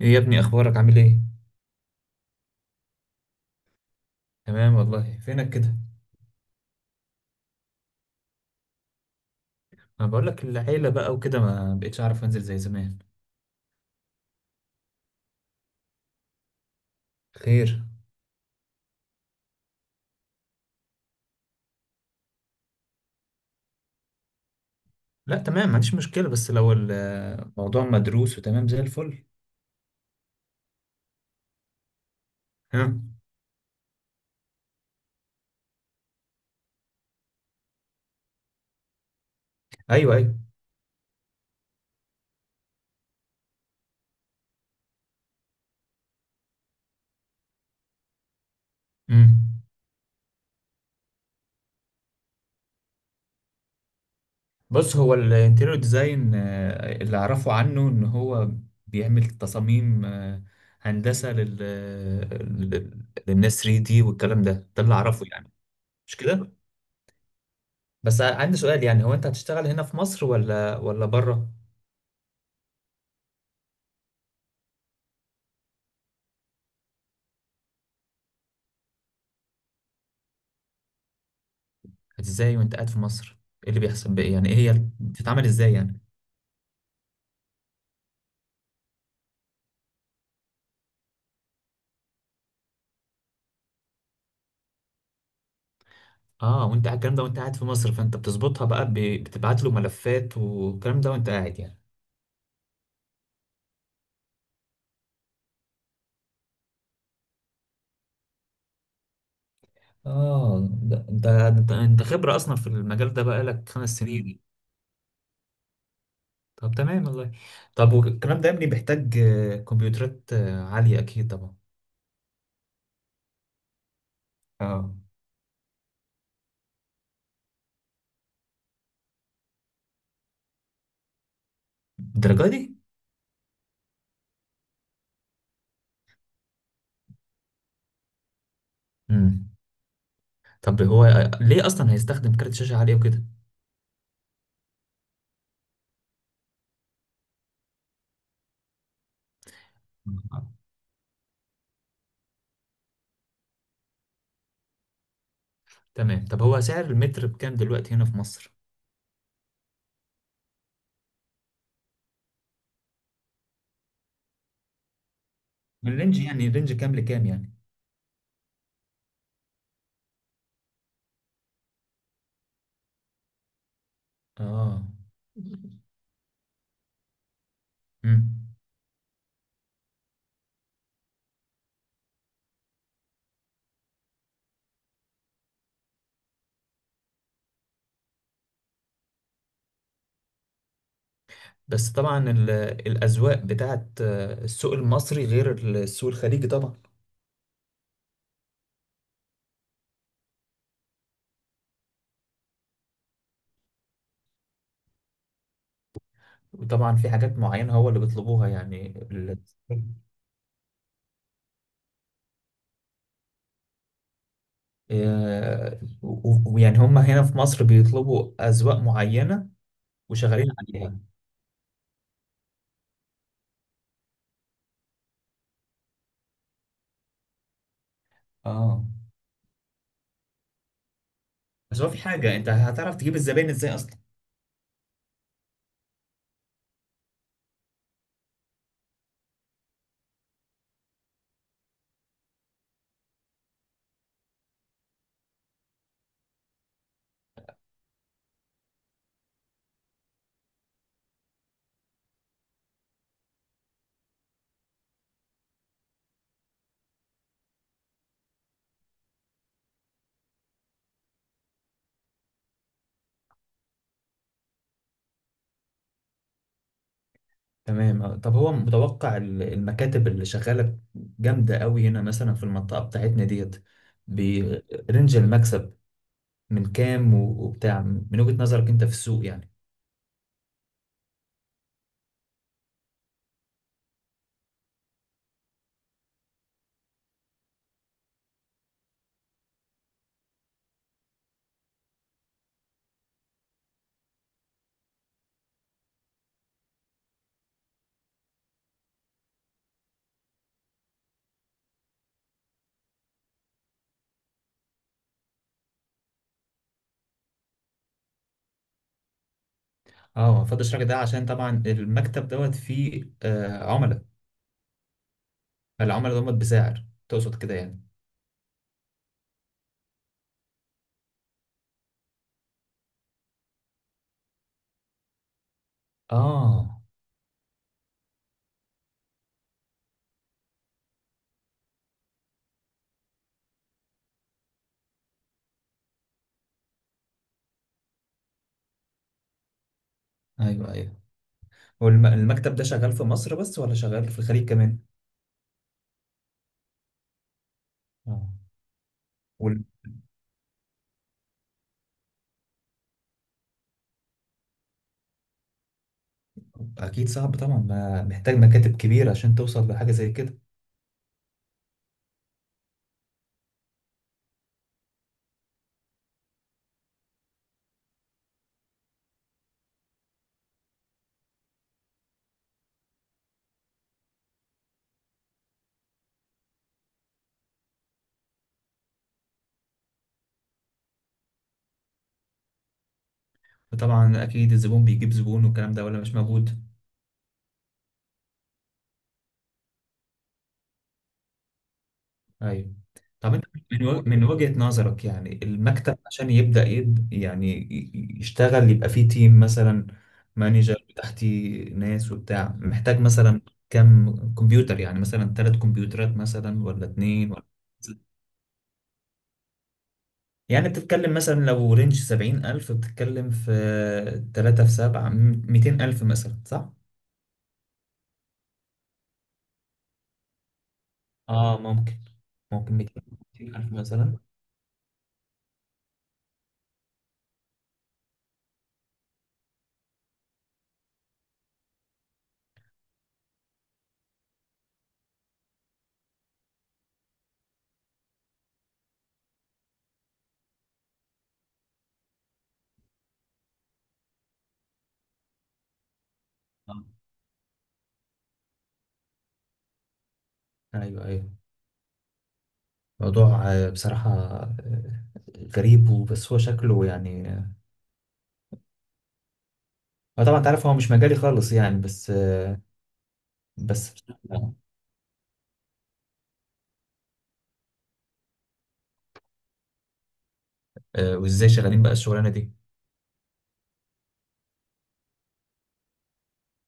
ايه يا ابني، اخبارك؟ عامل ايه؟ تمام والله. فينك كده؟ انا بقول لك، العيله بقى وكده ما بقتش اعرف انزل زي زمان. خير؟ لا، تمام، ما عنديش مشكله، بس لو الموضوع مدروس وتمام زي الفل. ها. ايوه، ايوه. امم. بص، هو الانتيريور ديزاين اللي اعرفه عنه ان هو بيعمل تصاميم هندسه للناس 3 دي، والكلام ده اللي اعرفه يعني. مش كده؟ بس عندي سؤال، يعني هو انت هتشتغل هنا في مصر ولا بره؟ ازاي وانت قاعد في مصر؟ ايه اللي بيحصل بقى يعني؟ ايه هي بتتعمل ازاي يعني؟ اه، الكلام ده وانت قاعد في مصر، فانت بتظبطها بقى، بتبعت له ملفات والكلام ده وانت قاعد يعني. اه، ده انت خبرة اصلا في المجال ده بقى لك 5 سنين. طب تمام والله. طب والكلام ده يا ابني بيحتاج كمبيوترات عالية اكيد طبعا. اه. الدرجة دي؟ امم. طب هو ليه اصلا هيستخدم كارت شاشة عالية وكده؟ آه. تمام. طب هو سعر المتر بكام دلوقتي هنا في مصر؟ الرينج، يعني الرينج كام لكام يعني؟ اه. مم. بس طبعا الاذواق بتاعت السوق المصري غير السوق الخليجي طبعا. وطبعا في حاجات معينه هو اللي بيطلبوها، يعني. ويعني هم هنا في مصر بيطلبوا اذواق معينه وشغالين عليها. اه. بس هو في حاجه، انت هتعرف تجيب الزباين ازاي اصلا؟ تمام. طب هو متوقع المكاتب اللي شغاله جامده قوي هنا مثلا في المنطقه بتاعتنا ديت، برنج المكسب من كام وبتاع، من وجهة نظرك انت في السوق يعني؟ اه، ما فضلش الراجل ده عشان طبعا المكتب دوت فيه عملاء. العملاء دول بسعر تقصد كده يعني؟ اه، ايوه ايوه. والمكتب ده شغال في مصر بس ولا شغال في الخليج كمان؟ اه. وال- اكيد صعب طبعا، ما محتاج مكاتب كبيرة عشان توصل لحاجة زي كده. وطبعا اكيد الزبون بيجيب زبون والكلام ده، ولا مش موجود؟ ايوه. طب انت، من وجهة نظرك يعني المكتب عشان يبدأ يعني يشتغل، يبقى فيه تيم مثلا، مانجر تحتي ناس وبتاع، محتاج مثلا كم كمبيوتر؟ يعني مثلا ثلاث كمبيوترات مثلا ولا اتنين ولا؟ يعني بتتكلم مثلا لو رينج 70 ألف، بتتكلم في تلاتة في سبعة، 200 ألف مثلا، صح؟ اه، ممكن. ممكن 200 ألف مثلا. آه. أيوه أيوه. موضوع بصراحة غريب، وبس هو شكله يعني. طبعا انت عارف هو مش مجالي خالص، يعني بس. بس بصراحة، وازاي شغالين بقى الشغلانة دي؟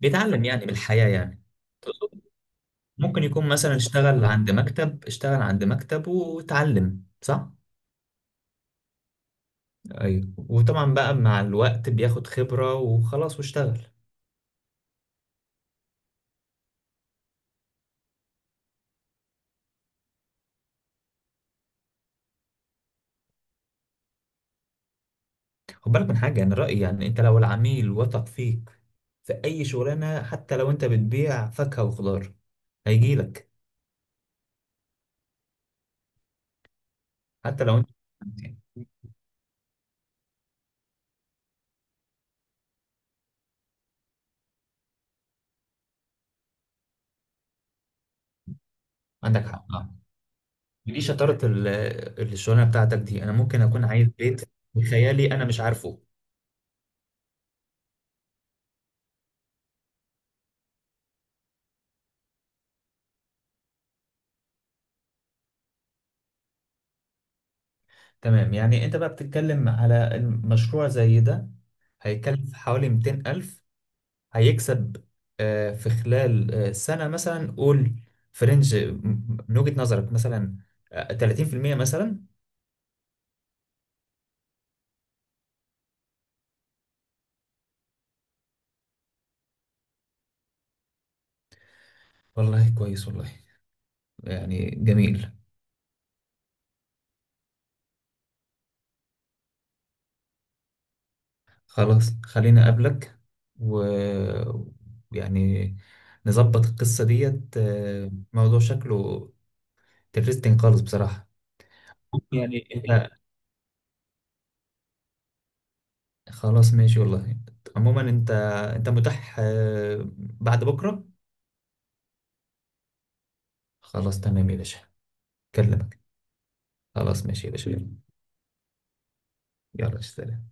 بيتعلم يعني من الحياة يعني. ممكن يكون مثلا اشتغل عند مكتب، اشتغل عند مكتب، واتعلم، صح؟ ايوه. وطبعا بقى مع الوقت بياخد خبرة وخلاص واشتغل. خد بالك من حاجة، يعني رأيي، يعني انت لو العميل وثق فيك في اي شغلانة حتى لو انت بتبيع فاكهة وخضار، هيجيلك. حتى لو انت. عندك حق، اه. دي شطاره الشغلانه بتاعتك دي. انا ممكن اكون عايز بيت بخيالي انا مش عارفه. تمام. يعني انت بقى بتتكلم على المشروع زي ده، هيكلف حوالي 200 ألف، هيكسب في خلال سنة مثلا، قول فرنج من وجهة نظرك مثلا 30% مثلا. والله كويس والله. يعني جميل. خلاص، خليني أقابلك و، يعني، نظبط القصة ديت. موضوع شكله ترستنج خالص بصراحة. يعني انت. خلاص ماشي والله. عموما، انت متاح بعد بكرة؟ خلاص تمام يا باشا. أكلمك. خلاص ماشي يا باشا، يلا. يلا، سلام.